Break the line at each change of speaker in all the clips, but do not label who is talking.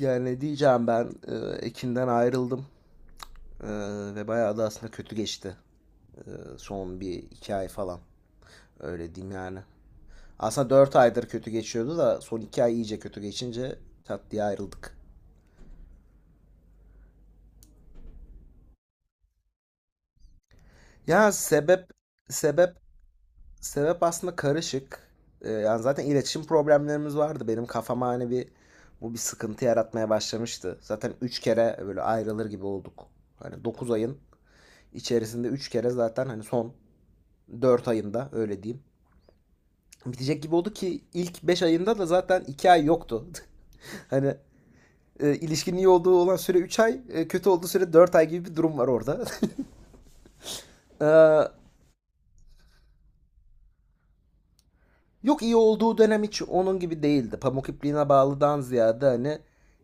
Yani diyeceğim ben Ekin'den ayrıldım. E, Ve bayağı da aslında kötü geçti, E, son bir iki ay falan öyle diyeyim yani. Aslında 4 aydır kötü geçiyordu da son 2 ay iyice kötü geçince tat diye ayrıldık. Ya sebep sebep aslında karışık. Yani zaten iletişim problemlerimiz vardı, benim kafama hani bu bir sıkıntı yaratmaya başlamıştı. Zaten 3 kere böyle ayrılır gibi olduk. Hani 9 ayın içerisinde 3 kere, zaten hani son 4 ayında öyle diyeyim. Bitecek gibi oldu, ki ilk 5 ayında da zaten 2 ay yoktu. Hani ilişkinin iyi olduğu olan süre 3 ay, kötü olduğu süre 4 ay gibi bir durum var orada. E, Yok, iyi olduğu dönem hiç onun gibi değildi. Pamuk ipliğine bağlıdan ziyade hani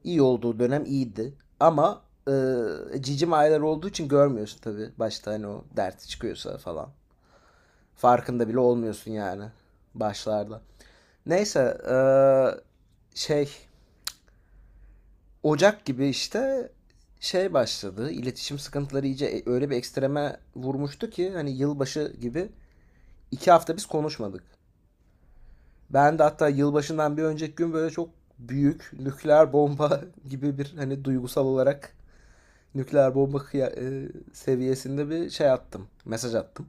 iyi olduğu dönem iyiydi. Ama cicim aylar olduğu için görmüyorsun tabii. Başta hani o derti çıkıyorsa falan. Farkında bile olmuyorsun yani başlarda. Neyse, e, şey, Ocak gibi işte şey başladı. İletişim sıkıntıları iyice öyle bir ekstreme vurmuştu ki hani yılbaşı gibi 2 hafta biz konuşmadık. Ben de hatta yılbaşından bir önceki gün böyle çok büyük nükleer bomba gibi, bir hani duygusal olarak nükleer bomba seviyesinde bir şey attım. Mesaj attım.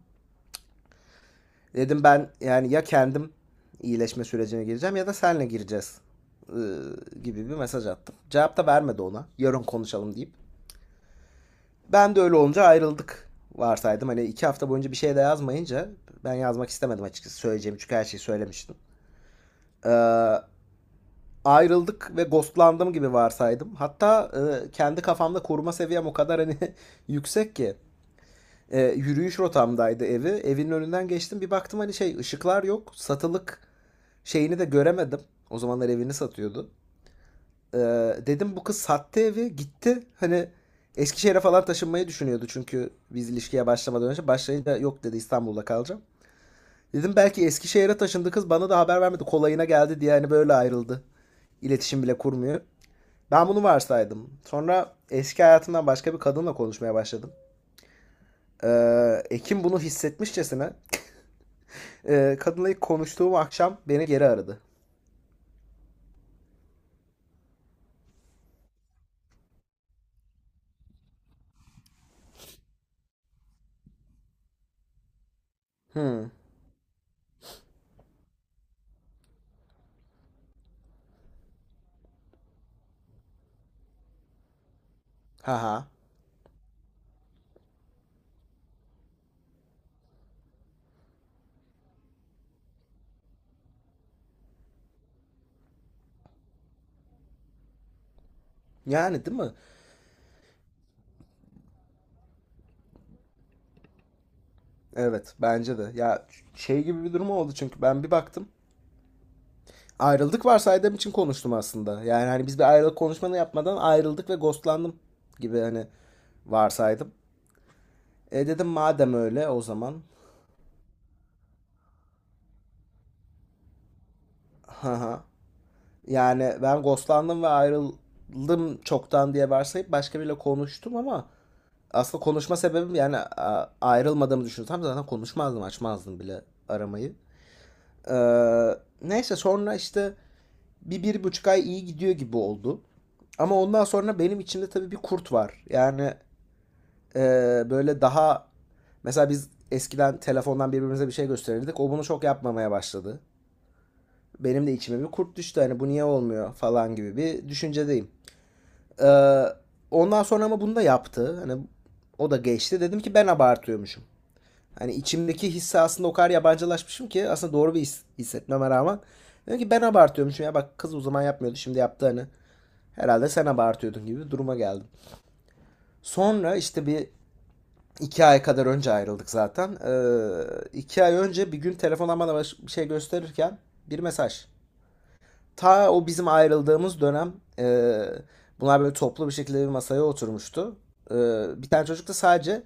Dedim ben yani ya kendim iyileşme sürecine gireceğim ya da senle gireceğiz, e, gibi bir mesaj attım. Cevap da vermedi ona. Yarın konuşalım deyip. Ben de öyle olunca ayrıldık varsaydım. Hani 2 hafta boyunca bir şey de yazmayınca ben yazmak istemedim, açıkçası söyleyeceğim çünkü her şeyi söylemiştim. Ee, Ayrıldık ve ghostlandım gibi varsaydım. Hatta kendi kafamda koruma seviyem o kadar hani yüksek ki. Yürüyüş rotamdaydı evi. Evin önünden geçtim, bir baktım hani şey, ışıklar yok. Satılık şeyini de göremedim. O zamanlar evini satıyordu. Ee, Dedim bu kız sattı evi gitti. Hani Eskişehir'e falan taşınmayı düşünüyordu çünkü, biz ilişkiye başlamadan önce. Başlayınca yok dedi, İstanbul'da kalacağım. Dedim belki Eskişehir'e taşındı kız, bana da haber vermedi. Kolayına geldi diye hani böyle ayrıldı. İletişim bile kurmuyor. Ben bunu varsaydım. Sonra eski hayatımdan başka bir kadınla konuşmaya başladım. Ekim bunu hissetmişçesine, kadınla ilk konuştuğum akşam beni geri aradı. Hmm. Haha. Yani değil mi? Evet, bence de. Ya, şey gibi bir durum oldu çünkü ben bir baktım. Ayrıldık varsaydığım için konuştum aslında. Yani hani biz bir ayrılık konuşmanı yapmadan ayrıldık ve ghostlandım gibi hani varsaydım. E dedim, madem öyle o zaman. Haha. Yani ben ghostlandım ve ayrıldım çoktan diye varsayıp başka biriyle konuştum, ama aslında konuşma sebebim yani, ayrılmadığımı düşünsem zaten konuşmazdım, açmazdım bile aramayı. Ee, Neyse, sonra işte bir bir buçuk ay iyi gidiyor gibi oldu. Ama ondan sonra benim içimde tabii bir kurt var. Yani e, böyle daha, mesela biz eskiden telefondan birbirimize bir şey gösterirdik. O bunu çok yapmamaya başladı. Benim de içime bir kurt düştü. Hani bu niye olmuyor falan gibi bir düşüncedeyim. E, Ondan sonra ama bunu da yaptı. Hani o da geçti. Dedim ki, ben abartıyormuşum. Hani içimdeki hisse aslında o kadar yabancılaşmışım ki, aslında doğru bir his hissetmeme rağmen. Dedim ki ben abartıyormuşum, ya bak kız o zaman yapmıyordu şimdi yaptı hani. Herhalde sen abartıyordun gibi bir duruma geldim. Sonra işte bir iki ay kadar önce ayrıldık zaten. 2 ay önce bir gün telefona bana bir şey gösterirken bir mesaj. Ta o bizim ayrıldığımız dönem e, bunlar böyle toplu bir şekilde bir masaya oturmuştu. Ee, Bir tane çocuk da sadece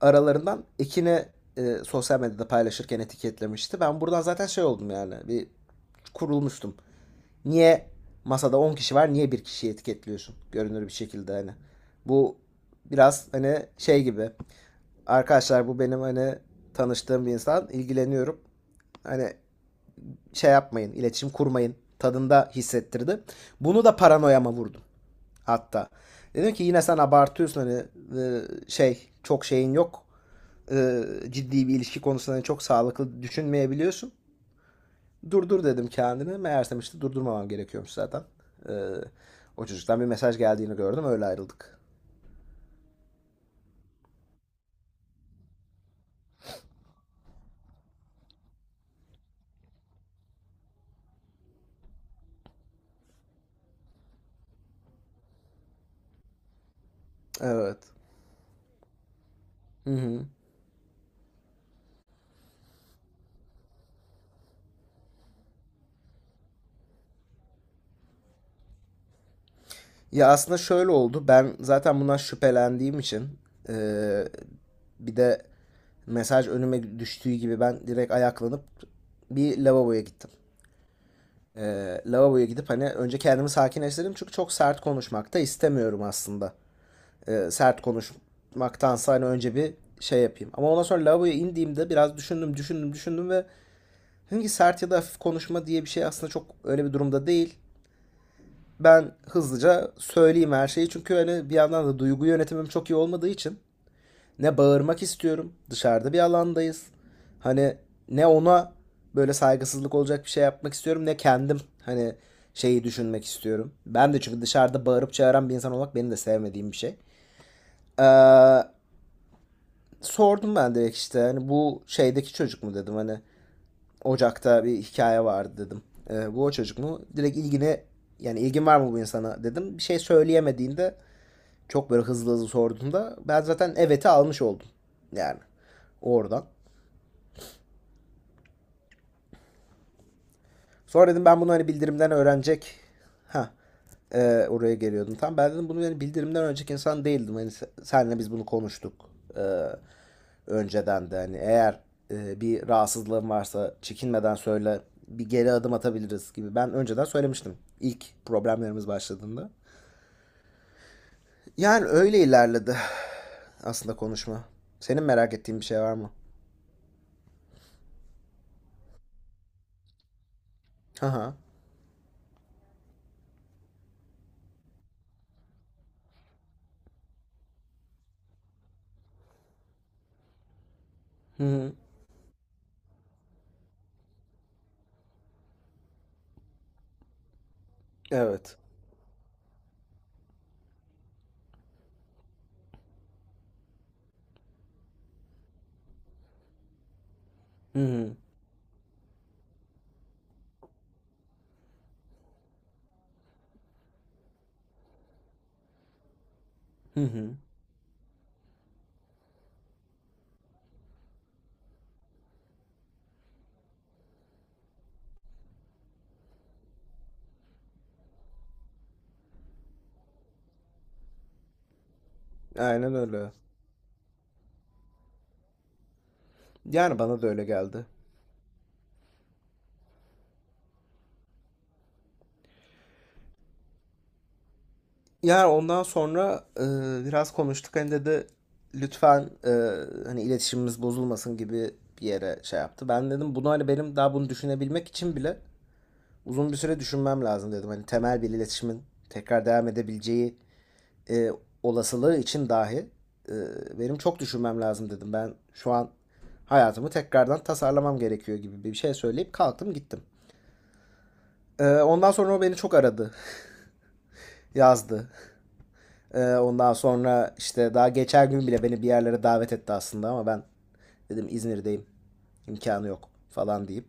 aralarından Ekin'i sosyal medyada paylaşırken etiketlemişti. Ben buradan zaten şey oldum yani, bir kurulmuştum. Niye masada 10 kişi var, niye bir kişiyi etiketliyorsun görünür bir şekilde, hani. Bu biraz hani şey gibi. Arkadaşlar bu benim hani tanıştığım bir insan, ilgileniyorum. Hani şey yapmayın, iletişim kurmayın tadında hissettirdi. Bunu da paranoyama vurdum hatta. Dedim ki yine sen abartıyorsun hani, e, şey, çok şeyin yok. E, Ciddi bir ilişki konusunda hani çok sağlıklı düşünmeyebiliyorsun. Durdur dedim kendini. Meğersem işte durdurmamam gerekiyormuş zaten. Ee, O çocuktan bir mesaj geldiğini gördüm. Öyle ayrıldık. Evet. Hı hı. Ya aslında şöyle oldu. Ben zaten bundan şüphelendiğim için, ee, bir de mesaj önüme düştüğü gibi ben direkt ayaklanıp bir lavaboya gittim. Lavaboya gidip hani önce kendimi sakinleştirdim çünkü çok sert konuşmak da istemiyorum aslında. Sert konuşmaktansa hani önce bir şey yapayım. Ama ondan sonra lavaboya indiğimde biraz düşündüm, düşündüm, düşündüm ve dedim ki sert ya da hafif konuşma diye bir şey aslında çok öyle bir durumda değil. Ben hızlıca söyleyeyim her şeyi çünkü hani bir yandan da duygu yönetimim çok iyi olmadığı için ne bağırmak istiyorum. Dışarıda bir alandayız. Hani ne ona böyle saygısızlık olacak bir şey yapmak istiyorum, ne kendim hani şeyi düşünmek istiyorum. Ben de çünkü dışarıda bağırıp çağıran bir insan olmak benim de sevmediğim bir şey. Sordum ben direkt işte, hani bu şeydeki çocuk mu dedim, hani Ocak'ta bir hikaye vardı dedim. Bu o çocuk mu? Direkt ilgine, yani ilgin var mı bu insana dedim. Bir şey söyleyemediğinde, çok böyle hızlı hızlı sorduğunda ben zaten evet'i almış oldum yani oradan. Sonra dedim ben bunu hani bildirimden öğrenecek. Ha. Oraya geliyordum. Tam ben dedim, bunu yani bildirimden önceki insan değildim. Hani senle biz bunu konuştuk. Ee, Önceden de hani eğer bir rahatsızlığın varsa çekinmeden söyle, bir geri adım atabiliriz gibi. Ben önceden söylemiştim, ilk problemlerimiz başladığında. Yani öyle ilerledi aslında konuşma. Senin merak ettiğin bir şey var mı? Haha. Hı hı. Evet. Hı hı. Hı hı. Aynen öyle. Yani bana da öyle geldi. Yani ondan sonra biraz konuştuk. Hani dedi lütfen, hani iletişimimiz bozulmasın gibi bir yere şey yaptı. Ben dedim bunu, hani benim daha bunu düşünebilmek için bile uzun bir süre düşünmem lazım dedim. Hani temel bir iletişimin tekrar devam edebileceği e, olasılığı için dahi e, benim çok düşünmem lazım dedim. Ben şu an hayatımı tekrardan tasarlamam gerekiyor gibi bir şey söyleyip kalktım gittim. Ondan sonra o beni çok aradı, yazdı. Ondan sonra işte daha geçer gün bile beni bir yerlere davet etti aslında, ama ben dedim İzmir'deyim, imkanı yok falan deyip.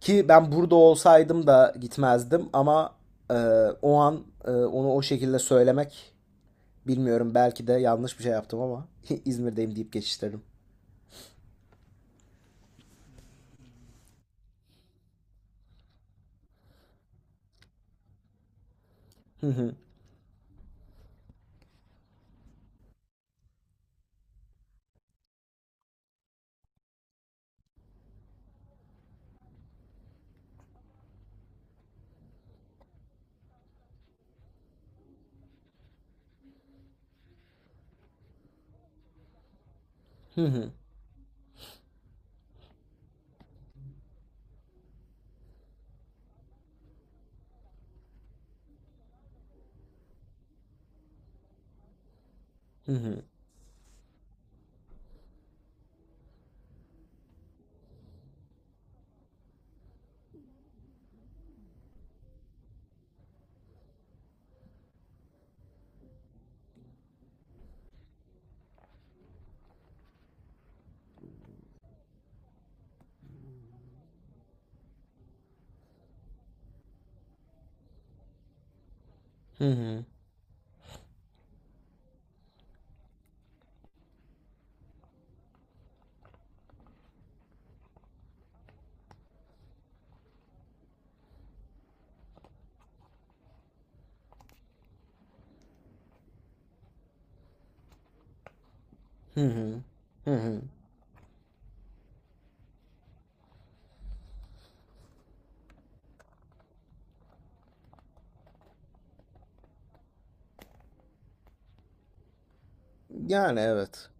Ki ben burada olsaydım da gitmezdim, ama e, o an onu o şekilde söylemek, bilmiyorum belki de yanlış bir şey yaptım, ama İzmir'deyim deyip geçiştirdim. Hı hı, hı hı, hı hı, hı hı, hı hı, hı hı. Yani evet.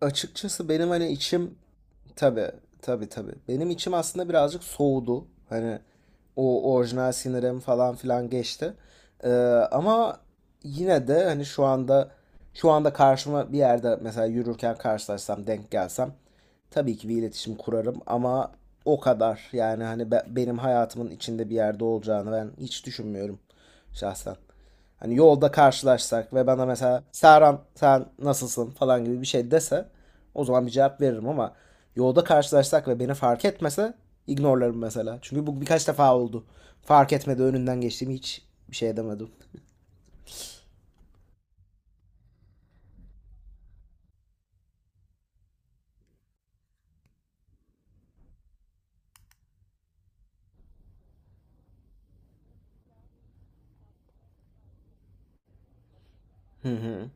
Açıkçası benim hani içim, tabii, tabii tabii. Benim içim aslında birazcık soğudu. Hani o orijinal sinirim falan filan geçti. Ee, Ama yine de hani şu anda, şu anda karşıma bir yerde mesela yürürken karşılaşsam, denk gelsem tabii ki bir iletişim kurarım, ama o kadar. Yani hani benim hayatımın içinde bir yerde olacağını ben hiç düşünmüyorum şahsen. Hani yolda karşılaşsak ve bana mesela Serhan sen nasılsın falan gibi bir şey dese, o zaman bir cevap veririm, ama yolda karşılaşsak ve beni fark etmese ignorlarım mesela. Çünkü bu birkaç defa oldu. Fark etmedi önünden geçtiğimi, hiç bir şey edemedim. Hı hı.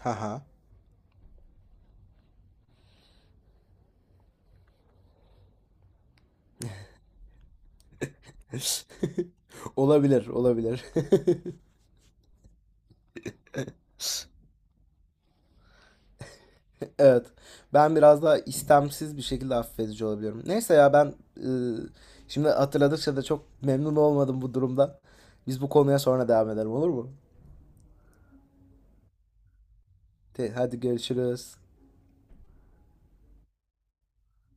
Haha. Olabilir, olabilir. Evet. Ben biraz daha istemsiz bir şekilde affedici olabiliyorum. Neyse ya, ben ıı, şimdi hatırladıkça da çok memnun olmadım bu durumda. Biz bu konuya sonra devam edelim, olur mu? Hadi görüşürüz.